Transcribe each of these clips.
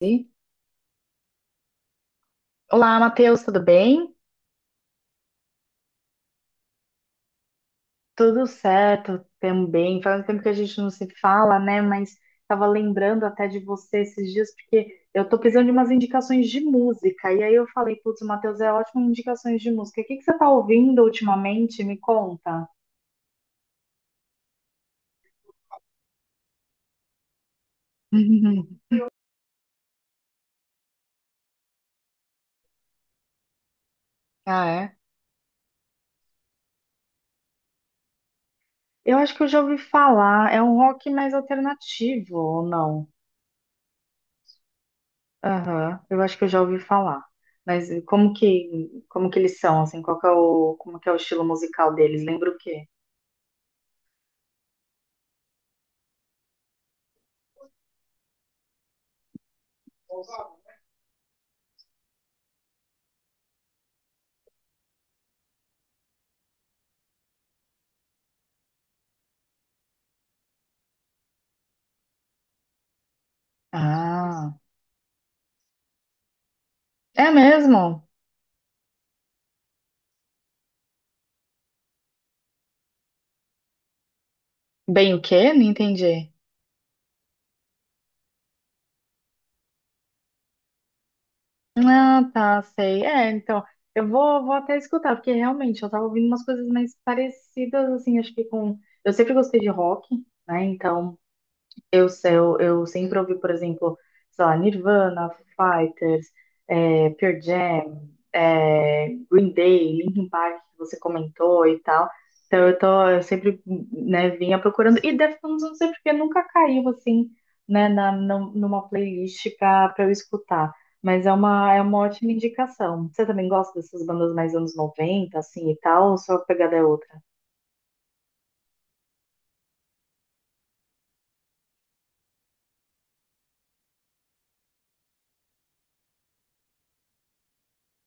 Sim. Olá, Matheus, tudo bem? Tudo certo também. Faz um tempo que a gente não se fala, né? Mas estava lembrando até de você esses dias, porque eu tô precisando de umas indicações de música. E aí eu falei, putz, o Matheus é ótimo em indicações de música. O que que você tá ouvindo ultimamente? Me conta. Ah, é? Eu acho que eu já ouvi falar. É um rock mais alternativo, ou não? Aham, eu acho que eu já ouvi falar. Mas como que eles são, assim, qual que é o, como que é o estilo musical deles? Lembra o quê? Ah, é mesmo? Bem o quê? Não entendi. Ah, tá, sei. É, então, eu vou até escutar, porque realmente eu tava ouvindo umas coisas mais parecidas, assim, acho que com... Eu sempre gostei de rock, né, então... Eu, se- eu sempre ouvi, por exemplo, sei lá, Nirvana, Foo Fighters, Pearl Jam, Green Day, Linkin Park, que você comentou e tal. Então eu sempre, né, vinha procurando. E Deftones, não sei porque nunca caiu assim, né, numa playlist pra eu escutar. Mas é uma ótima indicação. Você também gosta dessas bandas mais anos 90 assim, e tal, ou sua pegada é outra?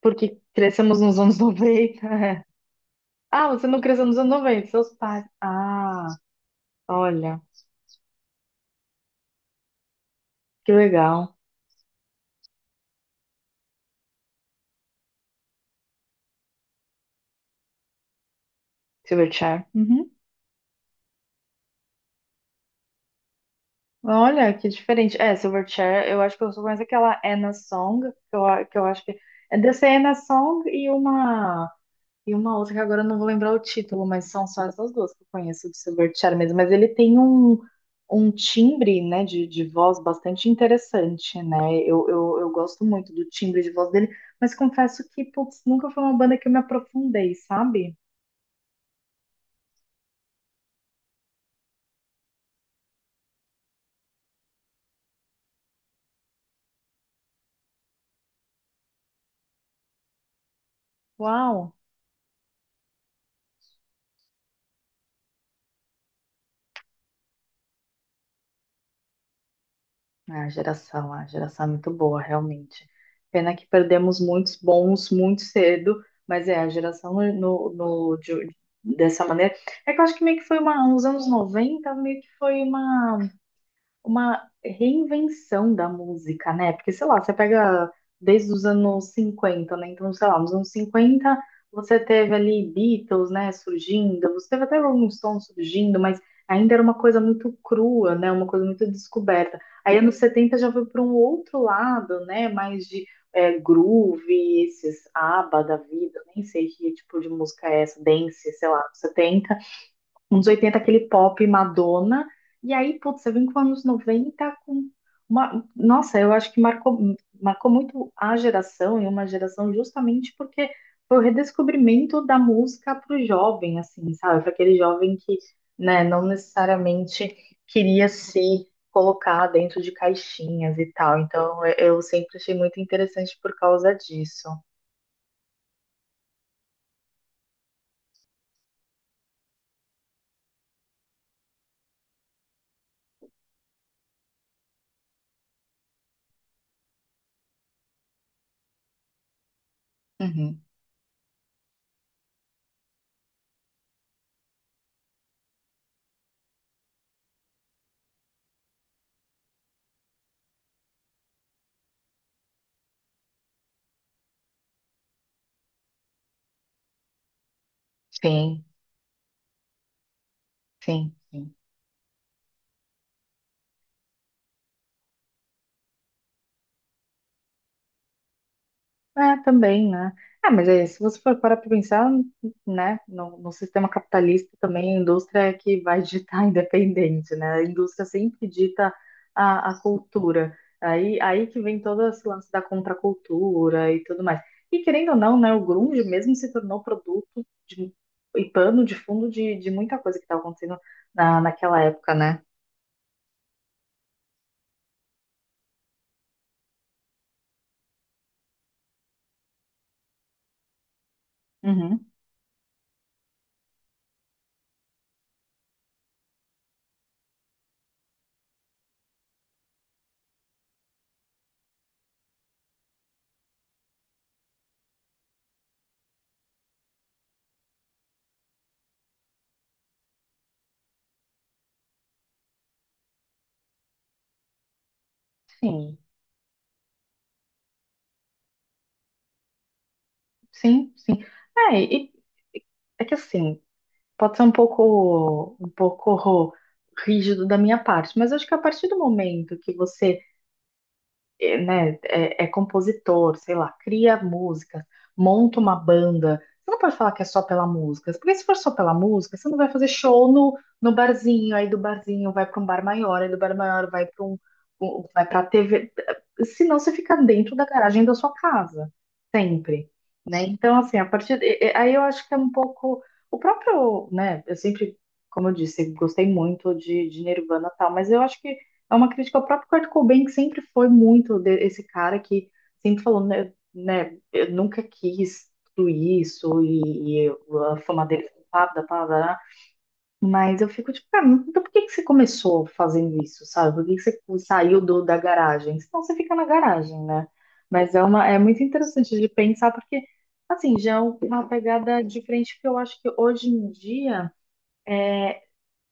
Porque crescemos nos anos noventa. Ah, você não cresceu nos anos 90, seus pais. Ah, olha, que legal. Silverchair. Uhum. Olha, que diferente. É, Silverchair, eu acho que eu sou mais aquela Anna Song, que eu acho que é dessa Anna Song e uma outra que agora eu não vou lembrar o título, mas são só essas duas que eu conheço do Silverchair mesmo. Mas ele tem um timbre, né, de voz bastante interessante, né? Eu gosto muito do timbre de voz dele, mas confesso que, putz, nunca foi uma banda que eu me aprofundei, sabe? Uau! A geração é muito boa, realmente. Pena que perdemos muitos bons muito cedo, mas é, a geração dessa maneira. É que eu acho que meio que uns anos 90 meio que foi uma reinvenção da música, né? Porque, sei lá, você pega desde os anos 50, né? Então, sei lá, nos anos cinquenta você teve ali Beatles, né, surgindo, você teve até Rolling Stones surgindo, mas ainda era uma coisa muito crua, né? Uma coisa muito descoberta. Aí, anos 70 já foi para um outro lado, né? Mais de groove, esses ABBA da vida, nem sei que tipo de música é essa, dance, sei lá, setenta. Uns oitenta, aquele pop Madonna. E aí, putz, você vem com anos 90 com uma. Nossa, eu acho que marcou muito a geração e uma geração justamente porque foi o redescobrimento da música para o jovem, assim, sabe? Para aquele jovem que, né, não necessariamente queria se colocar dentro de caixinhas e tal. Então, eu sempre achei muito interessante por causa disso. Uhum. Sim, sim. É, também, né? Ah, mas é, se você for parar para pensar, né, no sistema capitalista também, a indústria é que vai ditar independente, né? A indústria sempre dita a cultura. Aí que vem todo esse lance da contracultura e tudo mais. E querendo ou não, né, o grunge mesmo se tornou produto de, e pano de fundo de muita coisa que estava acontecendo naquela época, né? Uhum. Sim, sim, sim. É, e, é que assim. Pode ser um pouco rígido da minha parte, mas acho que a partir do momento que você é, né, é compositor, sei lá, cria músicas, monta uma banda. Você não pode falar que é só pela música, porque se for só pela música, você não vai fazer show no barzinho, aí do barzinho vai para um bar maior, aí do bar maior vai para TV. Senão você fica dentro da garagem da sua casa, sempre, né? Então, assim, a partir e- aí eu acho que é um pouco o próprio, né? Eu sempre, como eu disse, gostei muito de Nirvana e tal, mas eu acho que é uma crítica ao próprio Kurt Cobain, que sempre foi muito esse cara que sempre falou, né, eu nunca quis tudo isso e a fama dele foi pá, pá, pá, pá, mas eu fico tipo, cara, então por que que você começou fazendo isso, sabe? Por que que você saiu da garagem? Senão você fica na garagem, né? Mas é muito interessante de pensar, porque, assim, já é uma pegada diferente que eu acho que hoje em dia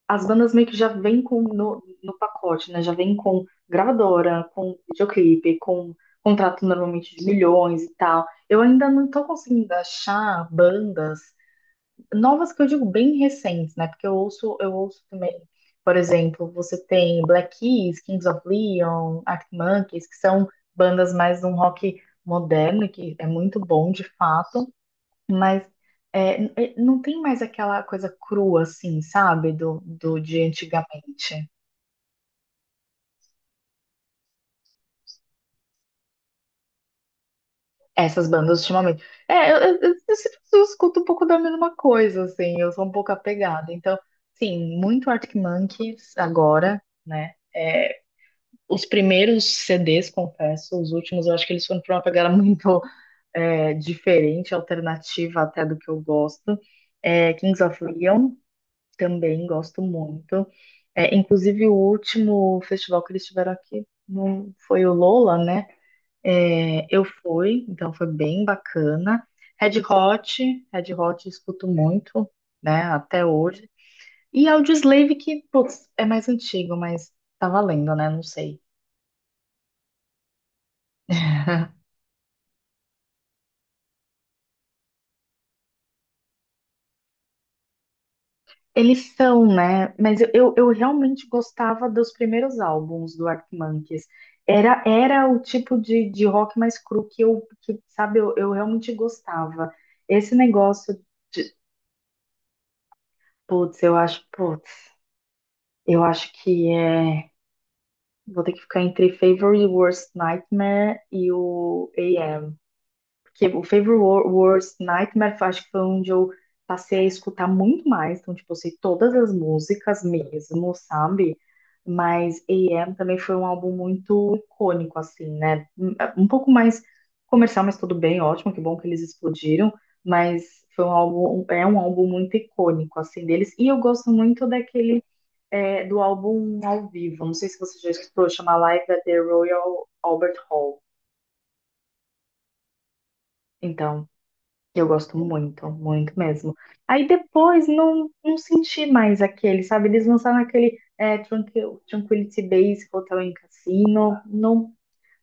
as bandas meio que já vêm com no, no pacote, né? Já vêm com gravadora, com videoclipe, com contrato normalmente de milhões e tal. Eu ainda não tô conseguindo achar bandas novas que eu digo bem recentes, né? Porque eu ouço também, por exemplo, você tem Black Keys, Kings of Leon, Arctic Monkeys, que são bandas mais de um rock moderno, que é muito bom de fato. Mas é, não tem mais aquela coisa crua, assim, sabe? Do de antigamente. Essas bandas ultimamente. É, eu escuto um pouco da mesma coisa, assim. Eu sou um pouco apegada. Então, sim, muito Arctic Monkeys agora, né? É, os primeiros CDs, confesso, os últimos eu acho que eles foram para uma pegada muito diferente, alternativa até do que eu gosto. É, Kings of Leon. Também gosto muito. É, inclusive, o último festival que eles tiveram aqui não foi o Lola, né? É, eu fui, então foi bem bacana. Red Hot, Red Hot eu escuto muito, né? Até hoje. E Audioslave, que, putz, é mais antigo, mas tá valendo, né? Não sei. Eles são, né? Mas eu realmente gostava dos primeiros álbuns do Arctic Monkeys. Era o tipo de rock mais cru sabe, eu realmente gostava. Esse negócio de, putz, eu acho que vou ter que ficar entre Favorite Worst Nightmare e o que o Favorite Words, Nightmare, acho que foi onde eu passei a escutar muito mais. Então, tipo, eu sei todas as músicas mesmo, sabe? Mas AM também foi um álbum muito icônico, assim, né? Um pouco mais comercial, mas tudo bem, ótimo, que bom que eles explodiram. Mas é um álbum muito icônico, assim, deles. E eu gosto muito do álbum ao vivo. Não sei se você já escutou, chama Live at the Royal Albert Hall. Então. Eu gosto muito, muito mesmo. Aí depois não senti mais aquele, sabe? Eles lançaram aquele Tranquility Base Hotel em Cassino, não,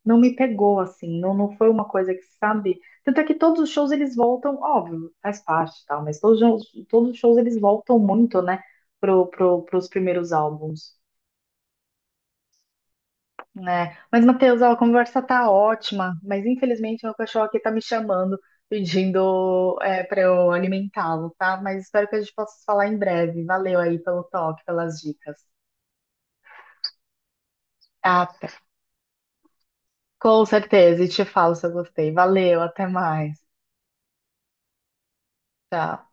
não me pegou assim, não foi uma coisa que, sabe? Tanto é que todos os shows eles voltam, óbvio, faz parte e tal, mas todos os shows eles voltam muito, né, pros primeiros álbuns, né? Mas, Matheus, ó, a conversa tá ótima, mas infelizmente meu cachorro aqui tá me chamando, pedindo para eu alimentá-lo, tá? Mas espero que a gente possa se falar em breve. Valeu aí pelo toque, pelas dicas. Ah, com certeza, e te falo se eu gostei. Valeu, até mais. Tchau.